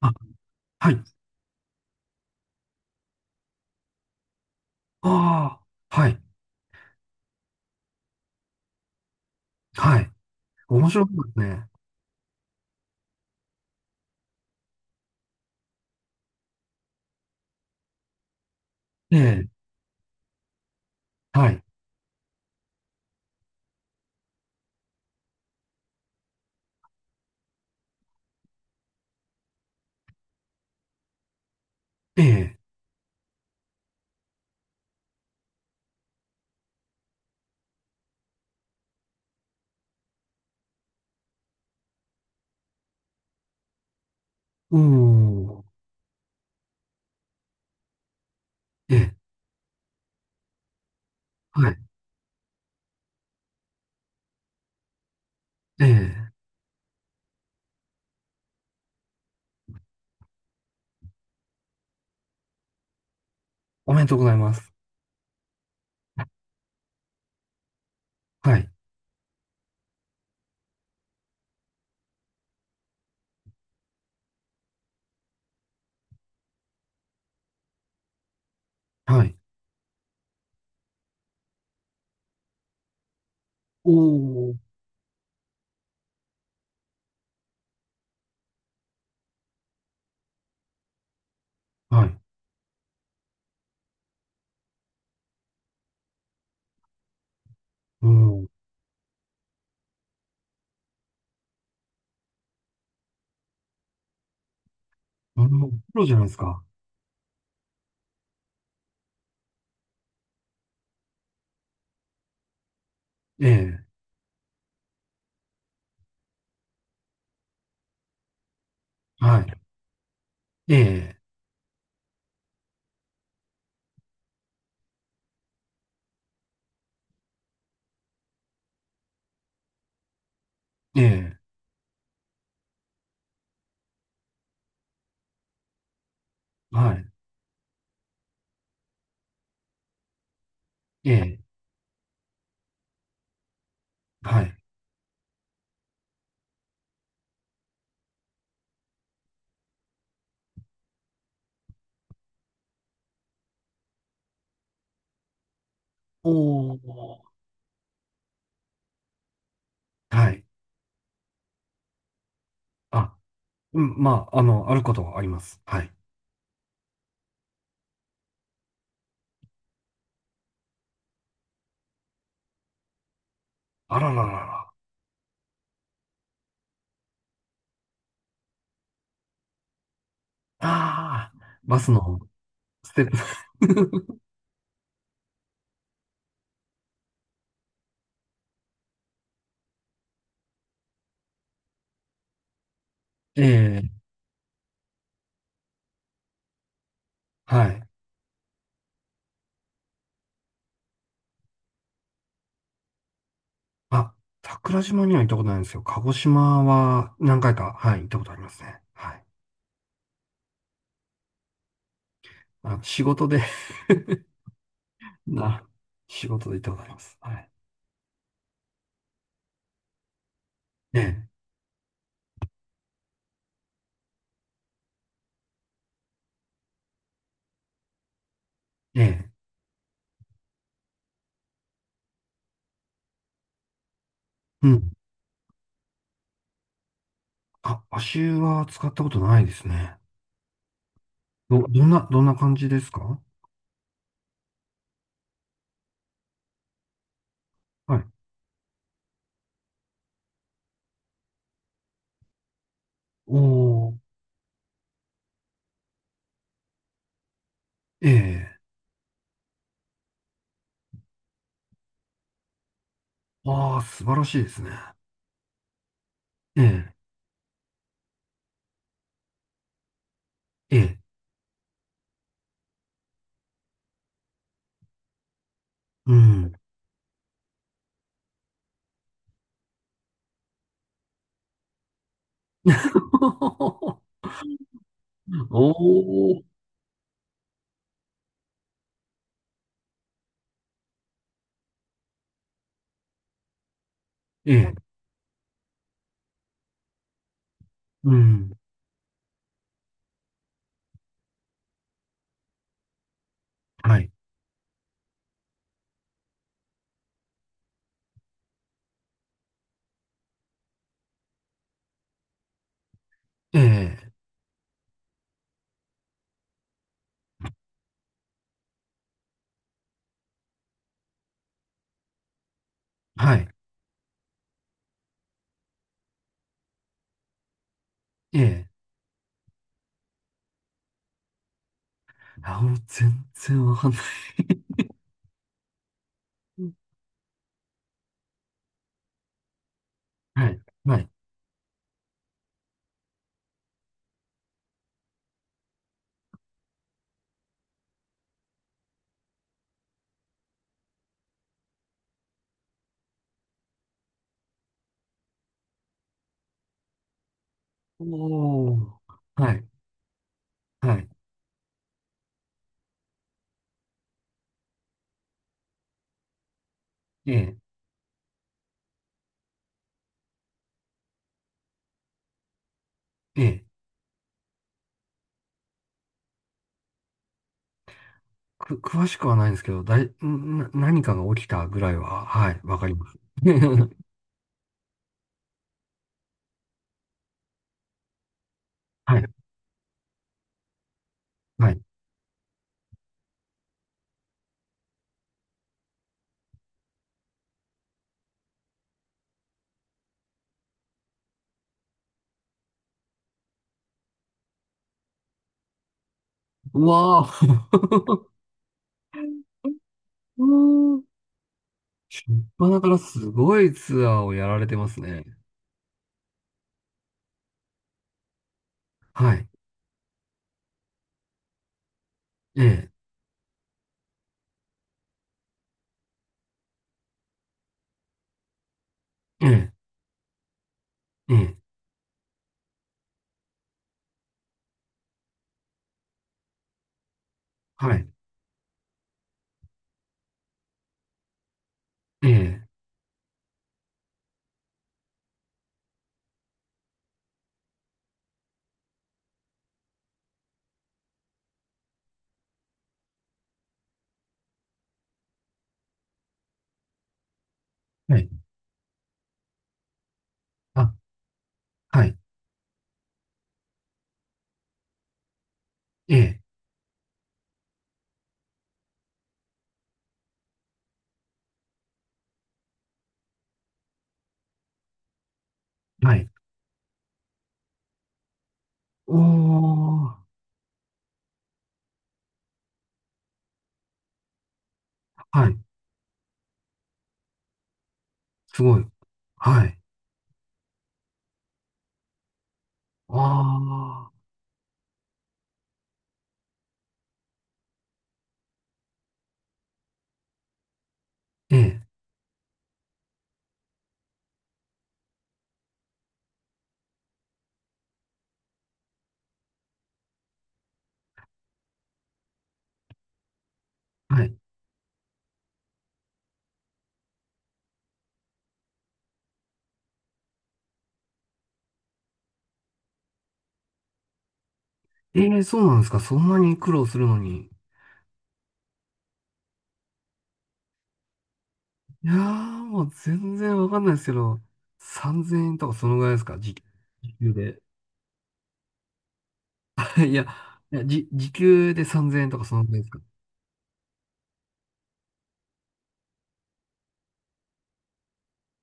あ、はい。あ、はい。はい。面白いですね。ええ、はい。ええ、おー、ええ、はい。ええ、おめでとうございます。はい。はい。おー、はい。おー、なるほど。プロじゃないですか。ええ、はい。ええ、ええ、はい。ええ、はい。おー、はい。あ、うん、あることはあります。はい。あらららら。ああ、バスのステップ。ええ、はい。あ、桜島には行ったことないんですよ。鹿児島は何回か、はい、行ったことありますね。はい。あの、仕事で、な、仕事で行ったことあります。はい。ええ、ええ、うん。あ、足湯は使ったことないですね。どんな、どんな感じですか。はい。おー、ええ、ああ、素晴らしいですね。ええ、ええ、うん。おお、ええ、うん、はい、ええ、はい、ええ、あ、もう全然わかんない。はい、はい。おー、はい、はい。ええ、ええ。詳しくはないんですけど、だい、んな、何かが起きたぐらいは、はい、わかります。はい、はい。うわー、うーん、しょっぱなからすごいツアーをやられてますね。はい、ええ、ええ、ええ、はい、ええ、はい、あ、はい、ええ、はい。おー、はい、すごい。はい、ああ、ええ、はい。ええ、そうなんですか。そんなに苦労するのに。いやー、もう全然わかんないですけど、3000円とかそのぐらいですか、時給で。いや、いやじ、時給で3000円とかそのぐらいですか。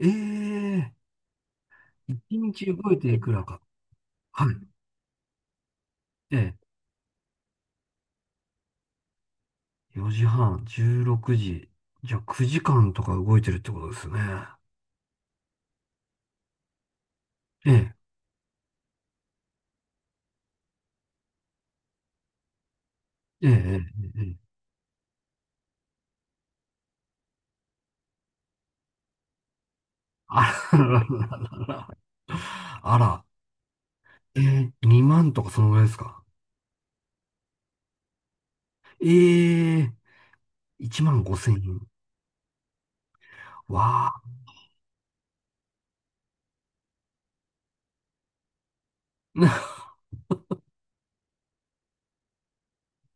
ええ、1日動いていくらか。はい。ええ、4時半、16時。じゃあ9時間とか動いてるってことですね。ええ、ええ、ええ、ええ、あららら ららら。あら、ええ、2万とかそのぐらいですか。ええ、1万5千円。わあ。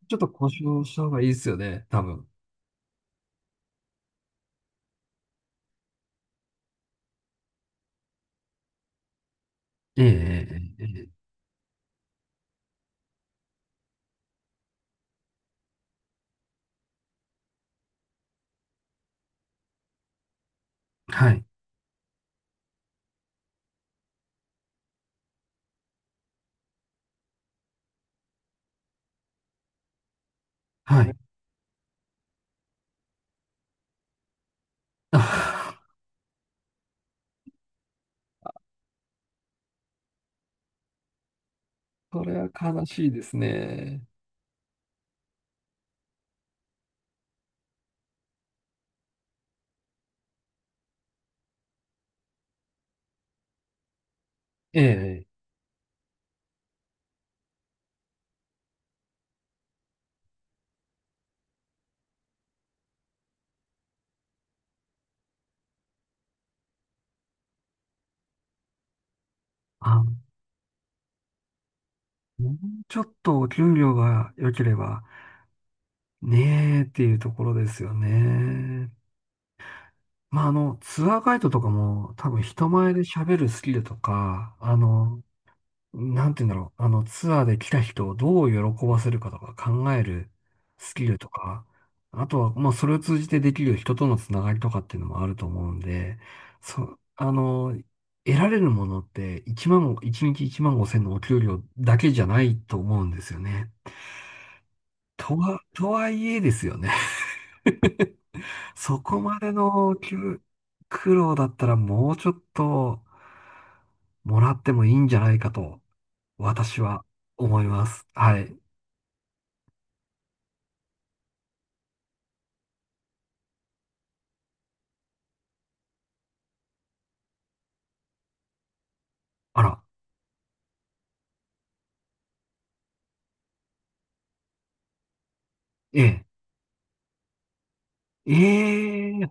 ちょっと交渉した方がいいですよね、多分。ええ、ええ、ええ。はい。はい。あ、それは悲しいですね。ええ。あ、もうちょっとお給料が良ければねえっていうところですよね。まあ、あの、ツアーガイドとかも多分人前で喋るスキルとか、あの、なんて言うんだろう。あの、ツアーで来た人をどう喜ばせるかとか考えるスキルとか、あとは、まあ、それを通じてできる人とのつながりとかっていうのもあると思うんで、そ、あの、得られるものって1万、1日1万5千のお給料だけじゃないと思うんですよね。とは、とはいえですよね。そこまでの給苦労だったらもうちょっともらってもいいんじゃないかと、私は思います。はい。あら、ええ、ええ、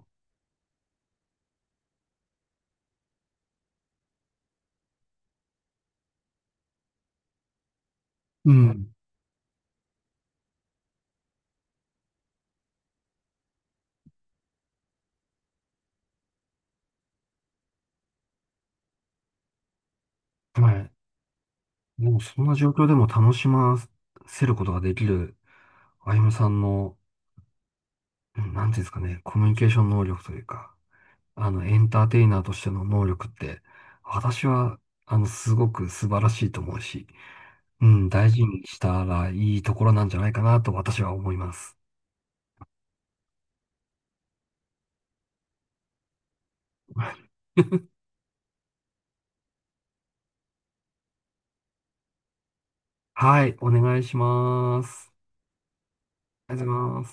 うん、はい。もうそんな状況でも楽しませることができる、あゆむさんの、うん、なんていうんですかね、コミュニケーション能力というか、あの、エンターテイナーとしての能力って、私は、あの、すごく素晴らしいと思うし、うん、大事にしたらいいところなんじゃないかなと私は思います。はい、お願いします。ありがとうございます。